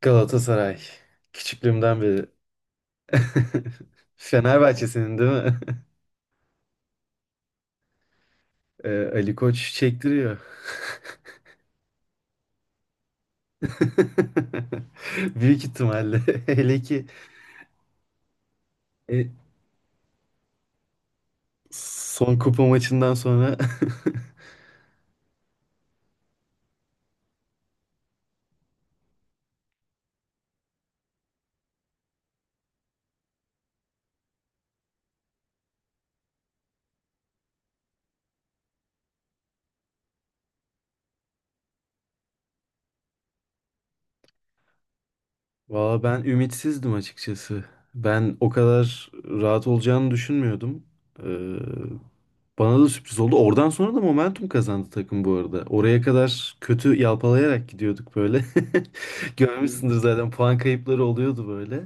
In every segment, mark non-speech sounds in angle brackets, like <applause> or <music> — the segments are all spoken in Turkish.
Galatasaray. Küçüklüğümden beri. <laughs> Fenerbahçe'sinin değil mi? <laughs> Ali Koç çektiriyor. <laughs> Büyük ihtimalle. <laughs> Hele ki e, son kupa maçından sonra <laughs> Valla ben ümitsizdim açıkçası. Ben o kadar rahat olacağını düşünmüyordum. Ee, Bana da sürpriz oldu. Oradan sonra da momentum kazandı takım bu arada. Oraya kadar kötü yalpalayarak gidiyorduk böyle. <laughs> Görmüşsündür zaten puan kayıpları oluyordu böyle.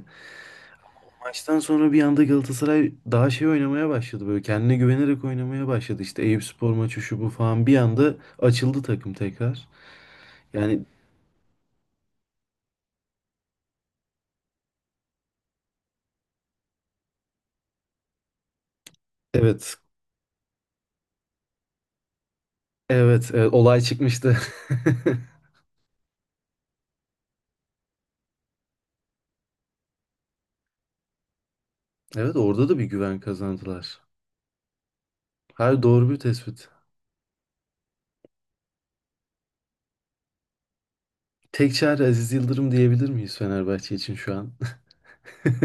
Maçtan sonra bir anda Galatasaray daha şey oynamaya başladı böyle. Kendine güvenerek oynamaya başladı. İşte Eyüpspor maçı şu bu falan bir anda açıldı takım tekrar. Yani evet, evet, olay çıkmıştı. <laughs> Evet orada da bir güven kazandılar. Her doğru bir tespit. Tek çare Aziz Yıldırım diyebilir miyiz Fenerbahçe için şu an? <laughs>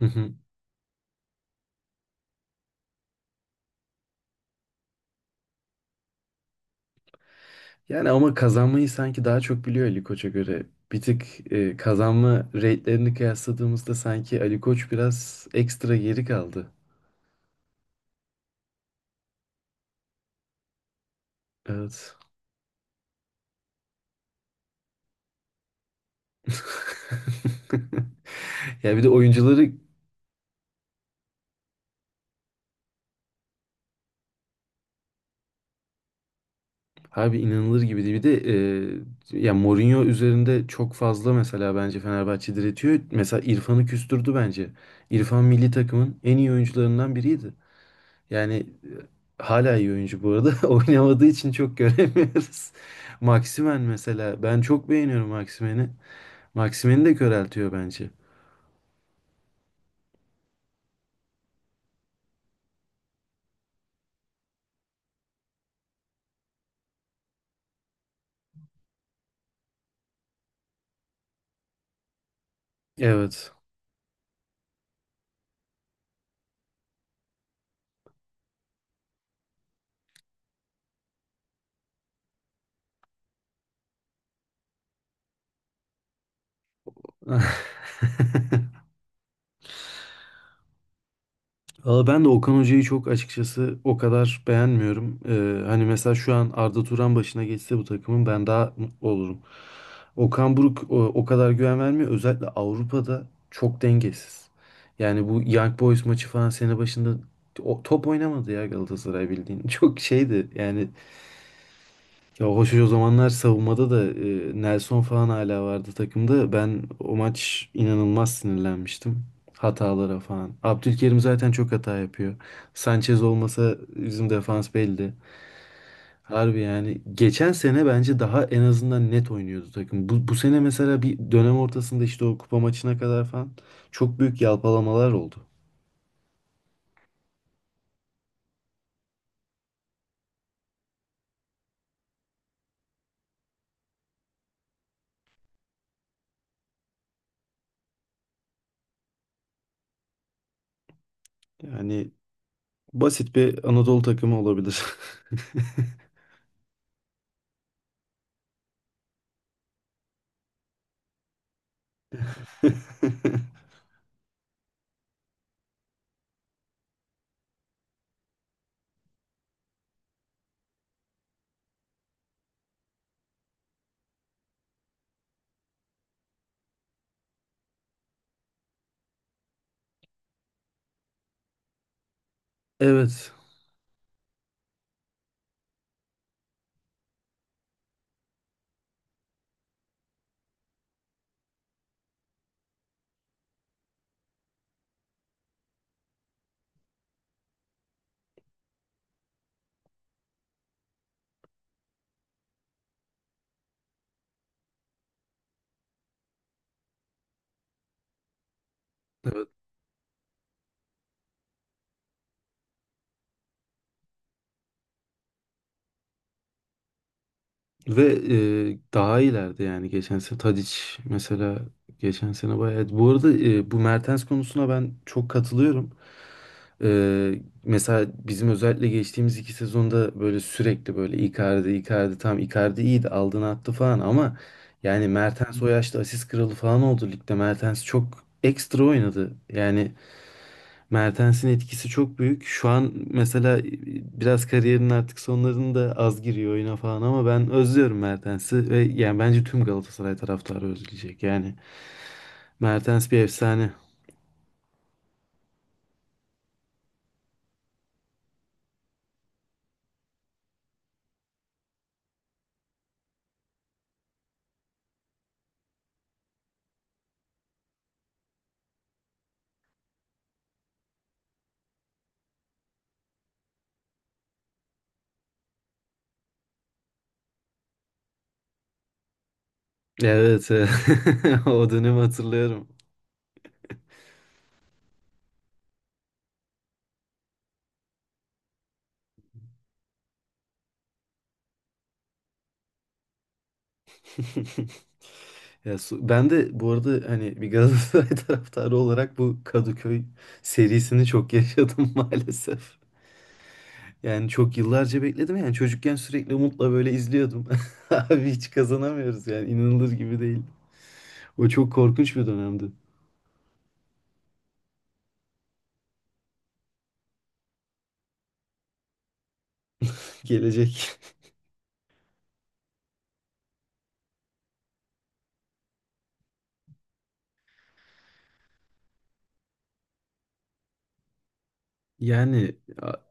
Hı hı. Yani ama kazanmayı sanki daha çok biliyor Ali Koç'a göre. Bir tık kazanma rate'lerini kıyasladığımızda sanki Ali Koç biraz ekstra geri kaldı. Evet. <laughs> Ya bir de oyuncuları. Abi inanılır gibi değil. Bir de ya Mourinho üzerinde çok fazla mesela bence Fenerbahçe diretiyor. Mesela İrfan'ı küstürdü bence. İrfan milli takımın en iyi oyuncularından biriydi. Yani hala iyi oyuncu bu arada. <laughs> Oynamadığı için çok göremiyoruz. Maximen mesela. Ben çok beğeniyorum Maximen'i. Maximen'i de köreltiyor bence. Evet. <laughs> Valla ben de Okan Hoca'yı çok açıkçası o kadar beğenmiyorum. Hani mesela şu an Arda Turan başına geçse bu takımın ben daha mutlu olurum. Okan Buruk o kadar güven vermiyor. Özellikle Avrupa'da çok dengesiz. Yani bu Young Boys maçı falan sene başında top oynamadı ya Galatasaray bildiğin. <laughs> Çok şeydi yani ya hoş o zamanlar savunmada da Nelson falan hala vardı takımda. Ben o maç inanılmaz sinirlenmiştim. Hatalara falan. Abdülkerim zaten çok hata yapıyor. Sanchez olmasa bizim defans belli. Harbi yani geçen sene bence daha en azından net oynuyordu takım. Bu sene mesela bir dönem ortasında işte o kupa maçına kadar falan çok büyük yalpalamalar oldu. Yani basit bir Anadolu takımı olabilir. <laughs> Evet, ve daha ileride yani geçen sene Tadic mesela geçen sene bayağı. Bu arada bu Mertens konusuna ben çok katılıyorum. E, mesela bizim özellikle geçtiğimiz iki sezonda böyle sürekli böyle Icardi, Icardi tam Icardi iyiydi aldığını attı falan ama yani Mertens o yaşta asist kralı falan oldu ligde. Mertens çok ekstra oynadı. Yani Mertens'in etkisi çok büyük. Şu an mesela biraz kariyerinin artık sonlarında az giriyor oyuna falan ama ben özlüyorum Mertens'i ve yani bence tüm Galatasaray taraftarı özleyecek. Yani Mertens bir efsane. Evet, evet. <laughs> O dönemi hatırlıyorum. <laughs> Ya ben de bu arada hani bir Galatasaray <laughs> taraftarı olarak bu Kadıköy serisini çok yaşadım <laughs> maalesef. Yani çok yıllarca bekledim yani çocukken sürekli umutla böyle izliyordum. <laughs> Abi hiç kazanamıyoruz yani inanılır gibi değil. O çok korkunç bir dönemdi. Gelecek. Yani a-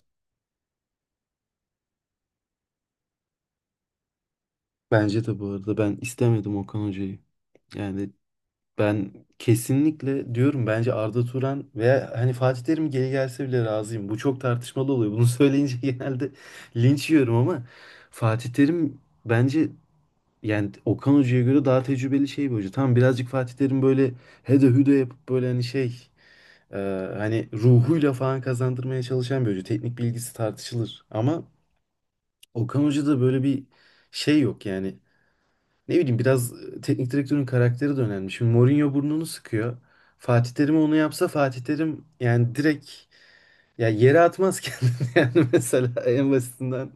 bence de bu arada ben istemedim Okan Hoca'yı. Yani ben kesinlikle diyorum bence Arda Turan veya hani Fatih Terim geri gelse bile razıyım. Bu çok tartışmalı oluyor. Bunu söyleyince <laughs> genelde linç yiyorum ama Fatih Terim bence, yani Okan Hoca'ya göre daha tecrübeli şey bir hoca. Tamam birazcık Fatih Terim böyle hede hüde yapıp böyle hani şey e, hani ruhuyla falan kazandırmaya çalışan bir hoca. Teknik bilgisi tartışılır. Ama Okan Hoca'da böyle bir şey yok yani. Ne bileyim biraz teknik direktörün karakteri de önemli. Şimdi Mourinho burnunu sıkıyor. Fatih Terim onu yapsa Fatih Terim yani direkt ya yere atmaz kendini <laughs> yani mesela en basitinden.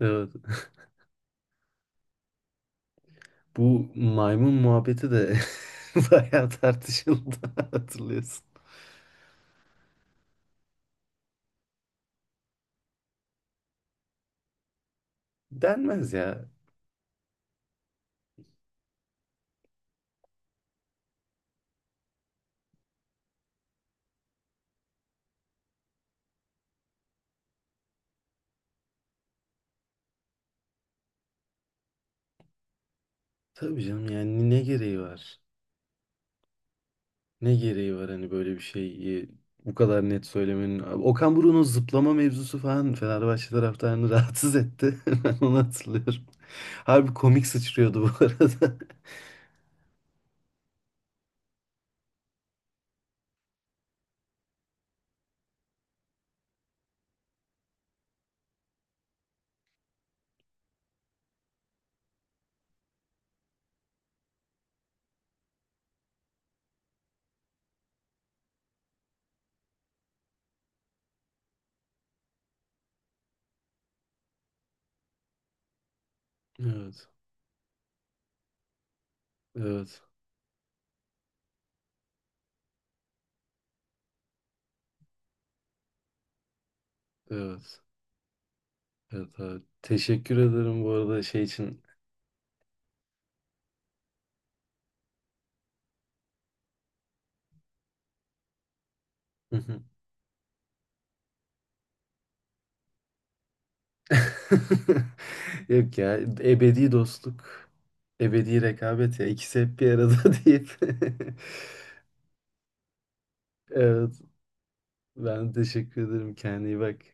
Evet. Bu maymun muhabbeti de <laughs> bayağı tartışıldı <laughs> hatırlıyorsun. Denmez ya. Tabii canım yani ne gereği var? Ne gereği var hani böyle bir şeyi bu kadar net söylemenin. Okan Buruk'un o zıplama mevzusu falan Fenerbahçe taraftarını <laughs> rahatsız etti. <laughs> Ben onu hatırlıyorum. Harbi komik sıçrıyordu bu arada. <laughs> Evet. Evet. Evet. Evet abi. Teşekkür ederim bu arada şey için. <laughs> <laughs> Yok ya, ebedi dostluk, ebedi rekabet ya ikisi hep bir arada <laughs> deyip. <laughs> Evet, ben teşekkür ederim, kendine iyi bak.